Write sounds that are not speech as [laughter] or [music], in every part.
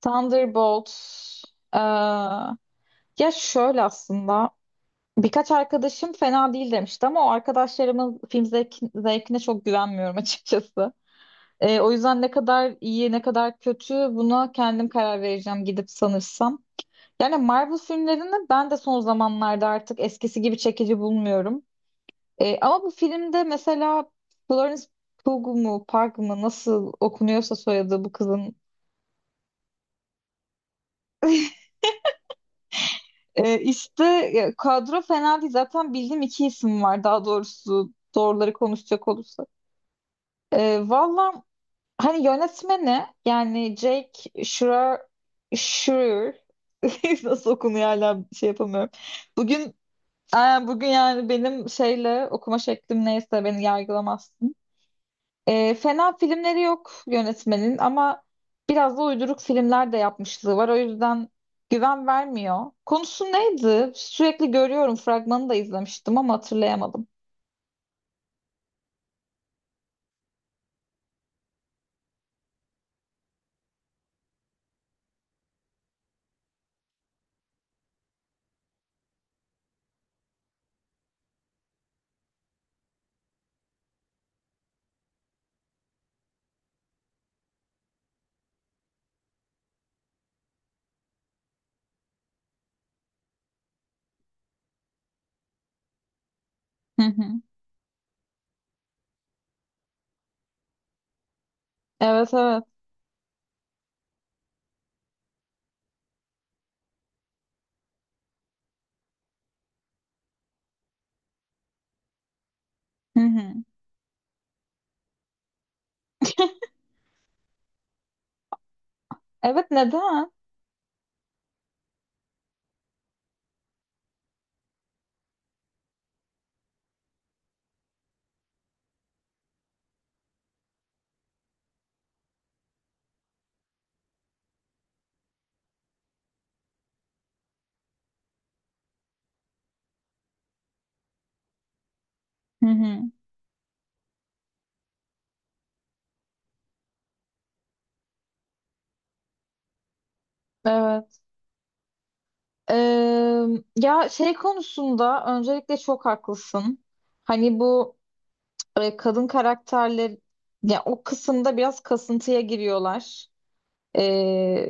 Thunderbolt. Ee, Ya şöyle aslında birkaç arkadaşım fena değil demişti ama o arkadaşlarımın film zevkine çok güvenmiyorum [laughs] açıkçası. O yüzden ne kadar iyi ne kadar kötü buna kendim karar vereceğim gidip sanırsam. Yani Marvel filmlerini ben de son zamanlarda artık eskisi gibi çekici bulmuyorum. Ama bu filmde mesela Florence Pugh mu Park mı nasıl okunuyorsa soyadı bu kızın. İşte kadro fena değil. Zaten bildiğim iki isim var, daha doğrusu doğruları konuşacak olursak. Valla hani yönetmeni yani Jake Schreier [laughs] nasıl okunuyor hala şey yapamıyorum. Bugün e, bugün yani benim şeyle okuma şeklim neyse beni yargılamaz. Fena filmleri yok yönetmenin ama biraz da uyduruk filmler de yapmışlığı var. O yüzden güven vermiyor. Konusu neydi? Sürekli görüyorum. Fragmanı da izlemiştim ama hatırlayamadım. Hı hı. Evet, evet. Hı hı. Evet, neden? Hı hı. Evet. Ee, Ya şey konusunda öncelikle çok haklısın. Hani bu kadın karakterler, ya o kısımda biraz kasıntıya giriyorlar.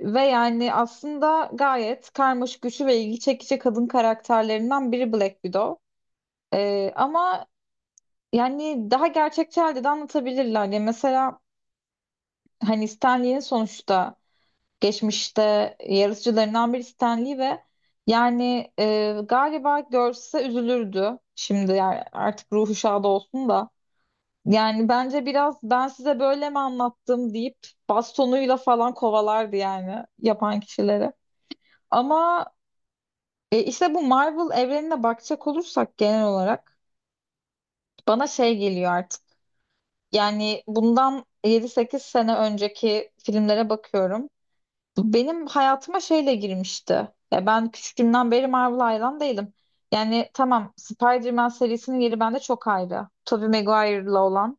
Ve yani aslında gayet karmaşık, güçlü ve ilgi çekici kadın karakterlerinden biri Black Widow. Ama yani daha gerçekçi halde de anlatabilirler. Yani mesela hani Stan Lee'nin sonuçta geçmişte yarışçılarından biri Stan Lee ve yani galiba görse üzülürdü. Şimdi yani artık ruhu şad olsun da. Yani bence biraz ben size böyle mi anlattım deyip bastonuyla falan kovalardı yani yapan kişileri. Ama işte bu Marvel evrenine bakacak olursak genel olarak bana şey geliyor artık. Yani bundan yedi sekiz sene önceki filmlere bakıyorum. Benim hayatıma şeyle girmişti. Ya ben küçüklüğümden beri Marvel hayran değilim. Yani tamam, Spider-Man serisinin yeri bende çok ayrı. Tobey Maguire'la olan.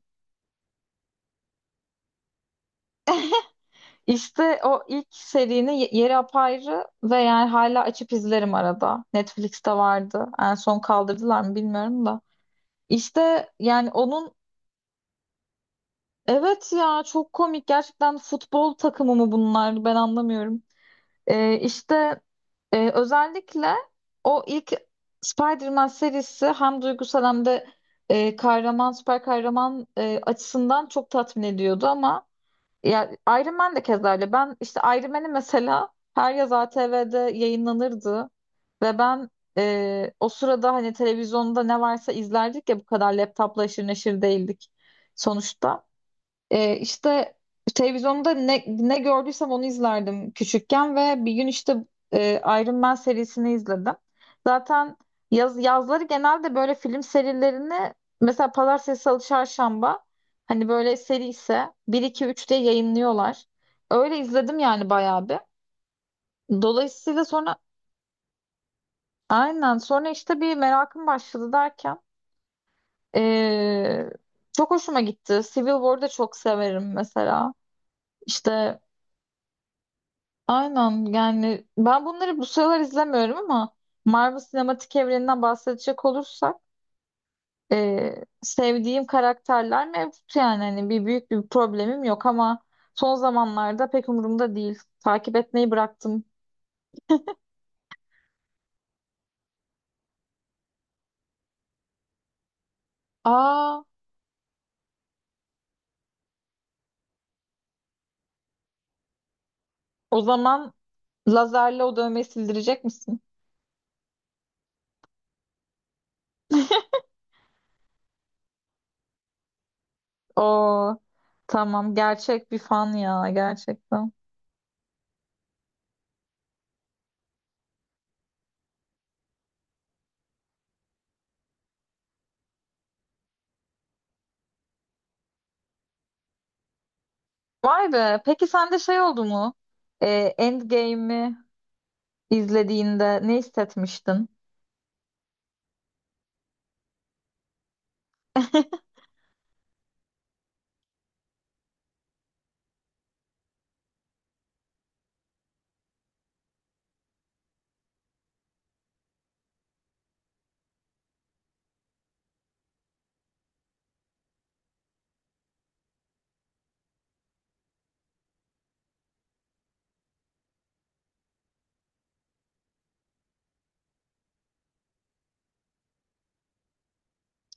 İşte o ilk serinin yeri apayrı ve yani hala açıp izlerim arada. Netflix'te vardı. En son kaldırdılar mı bilmiyorum da. İşte yani onun. Evet, ya çok komik gerçekten, futbol takımı mı bunlar, ben anlamıyorum. İşte özellikle o ilk Spider-Man serisi hem duygusal hem de kahraman, süper kahraman açısından çok tatmin ediyordu ama ya Iron Man de keza öyle. Ben işte Iron Man'i mesela her yaz ATV'de yayınlanırdı ve ben o sırada hani televizyonda ne varsa izlerdik, ya bu kadar laptopla aşırı neşir değildik sonuçta. İşte televizyonda ne gördüysem onu izlerdim küçükken ve bir gün işte e, Iron Man serisini izledim. Zaten yazları genelde böyle film serilerini mesela Pazartesi, Salı, Çarşamba hani böyle seri ise bir 2 üç diye yayınlıyorlar. Öyle izledim yani bayağı bir. Dolayısıyla sonra aynen sonra işte bir merakım başladı derken e, çok hoşuma gitti. Civil War'ı da çok severim mesela. İşte aynen, yani ben bunları bu sıralar izlemiyorum ama Marvel sinematik evreninden bahsedecek olursak sevdiğim karakterler mevcut, yani hani bir büyük bir problemim yok ama son zamanlarda pek umurumda değil. Takip etmeyi bıraktım. Aa, o zaman lazerle o dövmeyi sildirecek misin? Oo, tamam, gerçek bir fan ya gerçekten. Vay be, peki sende şey oldu mu? E, Endgame'i izlediğinde ne hissetmiştin? [laughs]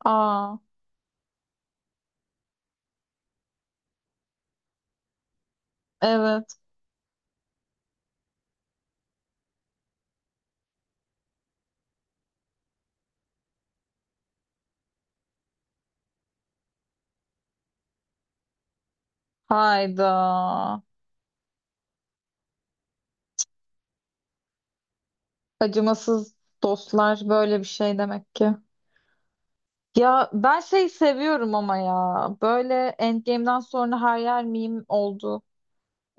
Aa, evet. Hayda. Acımasız dostlar böyle bir şey demek ki. Ya ben şey seviyorum ama ya. Böyle Endgame'den sonra her yer meme oldu.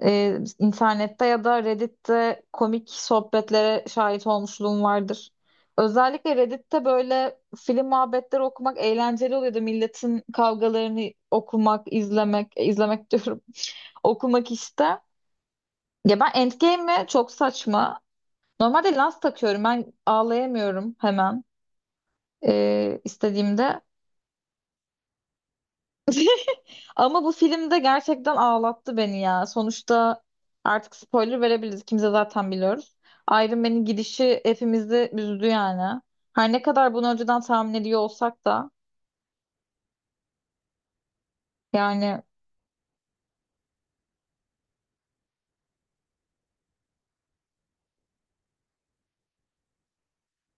İnternette ya da Reddit'te komik sohbetlere şahit olmuşluğum vardır. Özellikle Reddit'te böyle film muhabbetleri okumak eğlenceli oluyordu. Milletin kavgalarını okumak, izlemek, izlemek diyorum. [laughs] okumak işte. Ya ben Endgame'i çok saçma. Normalde lens takıyorum. Ben ağlayamıyorum hemen istediğimde. [laughs] Ama bu filmde gerçekten ağlattı beni ya. Sonuçta artık spoiler verebiliriz. Kimse zaten biliyoruz. Iron Man'in gidişi hepimizi üzdü yani. Her ne kadar bunu önceden tahmin ediyor olsak da yani.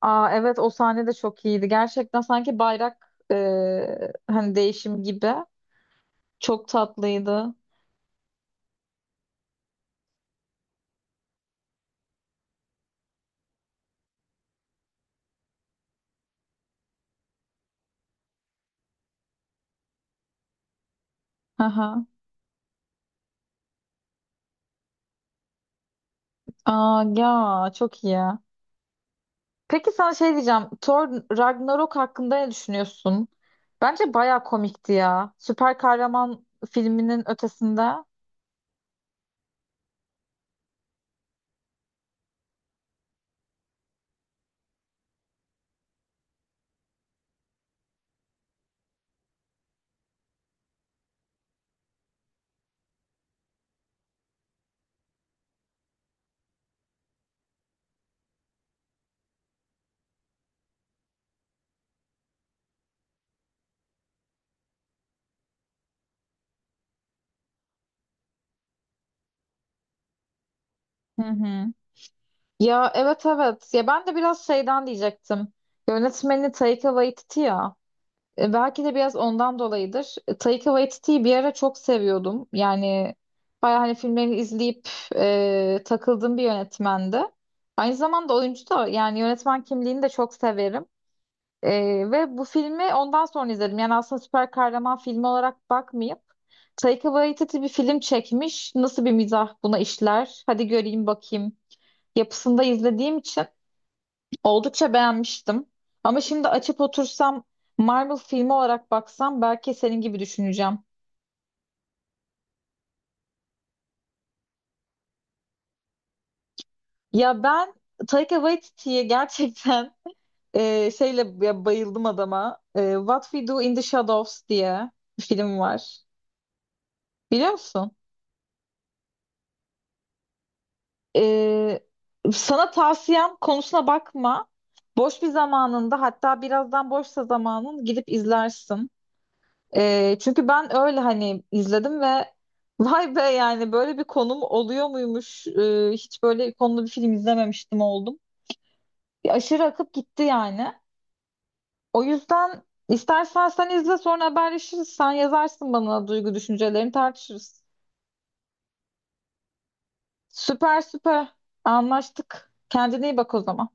Aa, evet, o sahne de çok iyiydi. Gerçekten sanki bayrak hani değişim gibi. Çok tatlıydı. Aha. Aa, ya çok iyi. Peki sana şey diyeceğim. Thor Ragnarok hakkında ne düşünüyorsun? Bence baya komikti ya, süper kahraman filminin ötesinde. Hı hı. Ya evet, evet. Ya ben de biraz şeyden diyecektim. Yönetmeni Taika Waititi ya. Belki de biraz ondan dolayıdır. Taika Waititi'yi bir ara çok seviyordum. Yani bayağı hani filmlerini izleyip takıldığım bir yönetmendi. Aynı zamanda oyuncu da, yani yönetmen kimliğini de çok severim. Ve bu filmi ondan sonra izledim. Yani aslında süper kahraman filmi olarak bakmayıp Taika Waititi bir film çekmiş, nasıl bir mizah buna işler, hadi göreyim bakayım yapısında izlediğim için oldukça beğenmiştim. Ama şimdi açıp otursam Marvel filmi olarak baksam belki senin gibi düşüneceğim. Ya ben Taika Waititi'ye gerçekten [laughs] şeyle ya, bayıldım adama. What We Do in the Shadows diye bir film var. Biliyor musun? Ee, Sana tavsiyem, konusuna bakma. Boş bir zamanında, hatta birazdan boşsa zamanın, gidip izlersin. Çünkü ben öyle hani izledim ve [laughs] vay be, yani böyle bir konum oluyor muymuş? Hiç böyle konulu bir film izlememiştim oldum. Bir aşırı akıp gitti yani. O yüzden istersen sen izle, sonra haberleşiriz. Sen yazarsın bana, duygu düşüncelerini tartışırız. Süper süper anlaştık. Kendine iyi bak o zaman.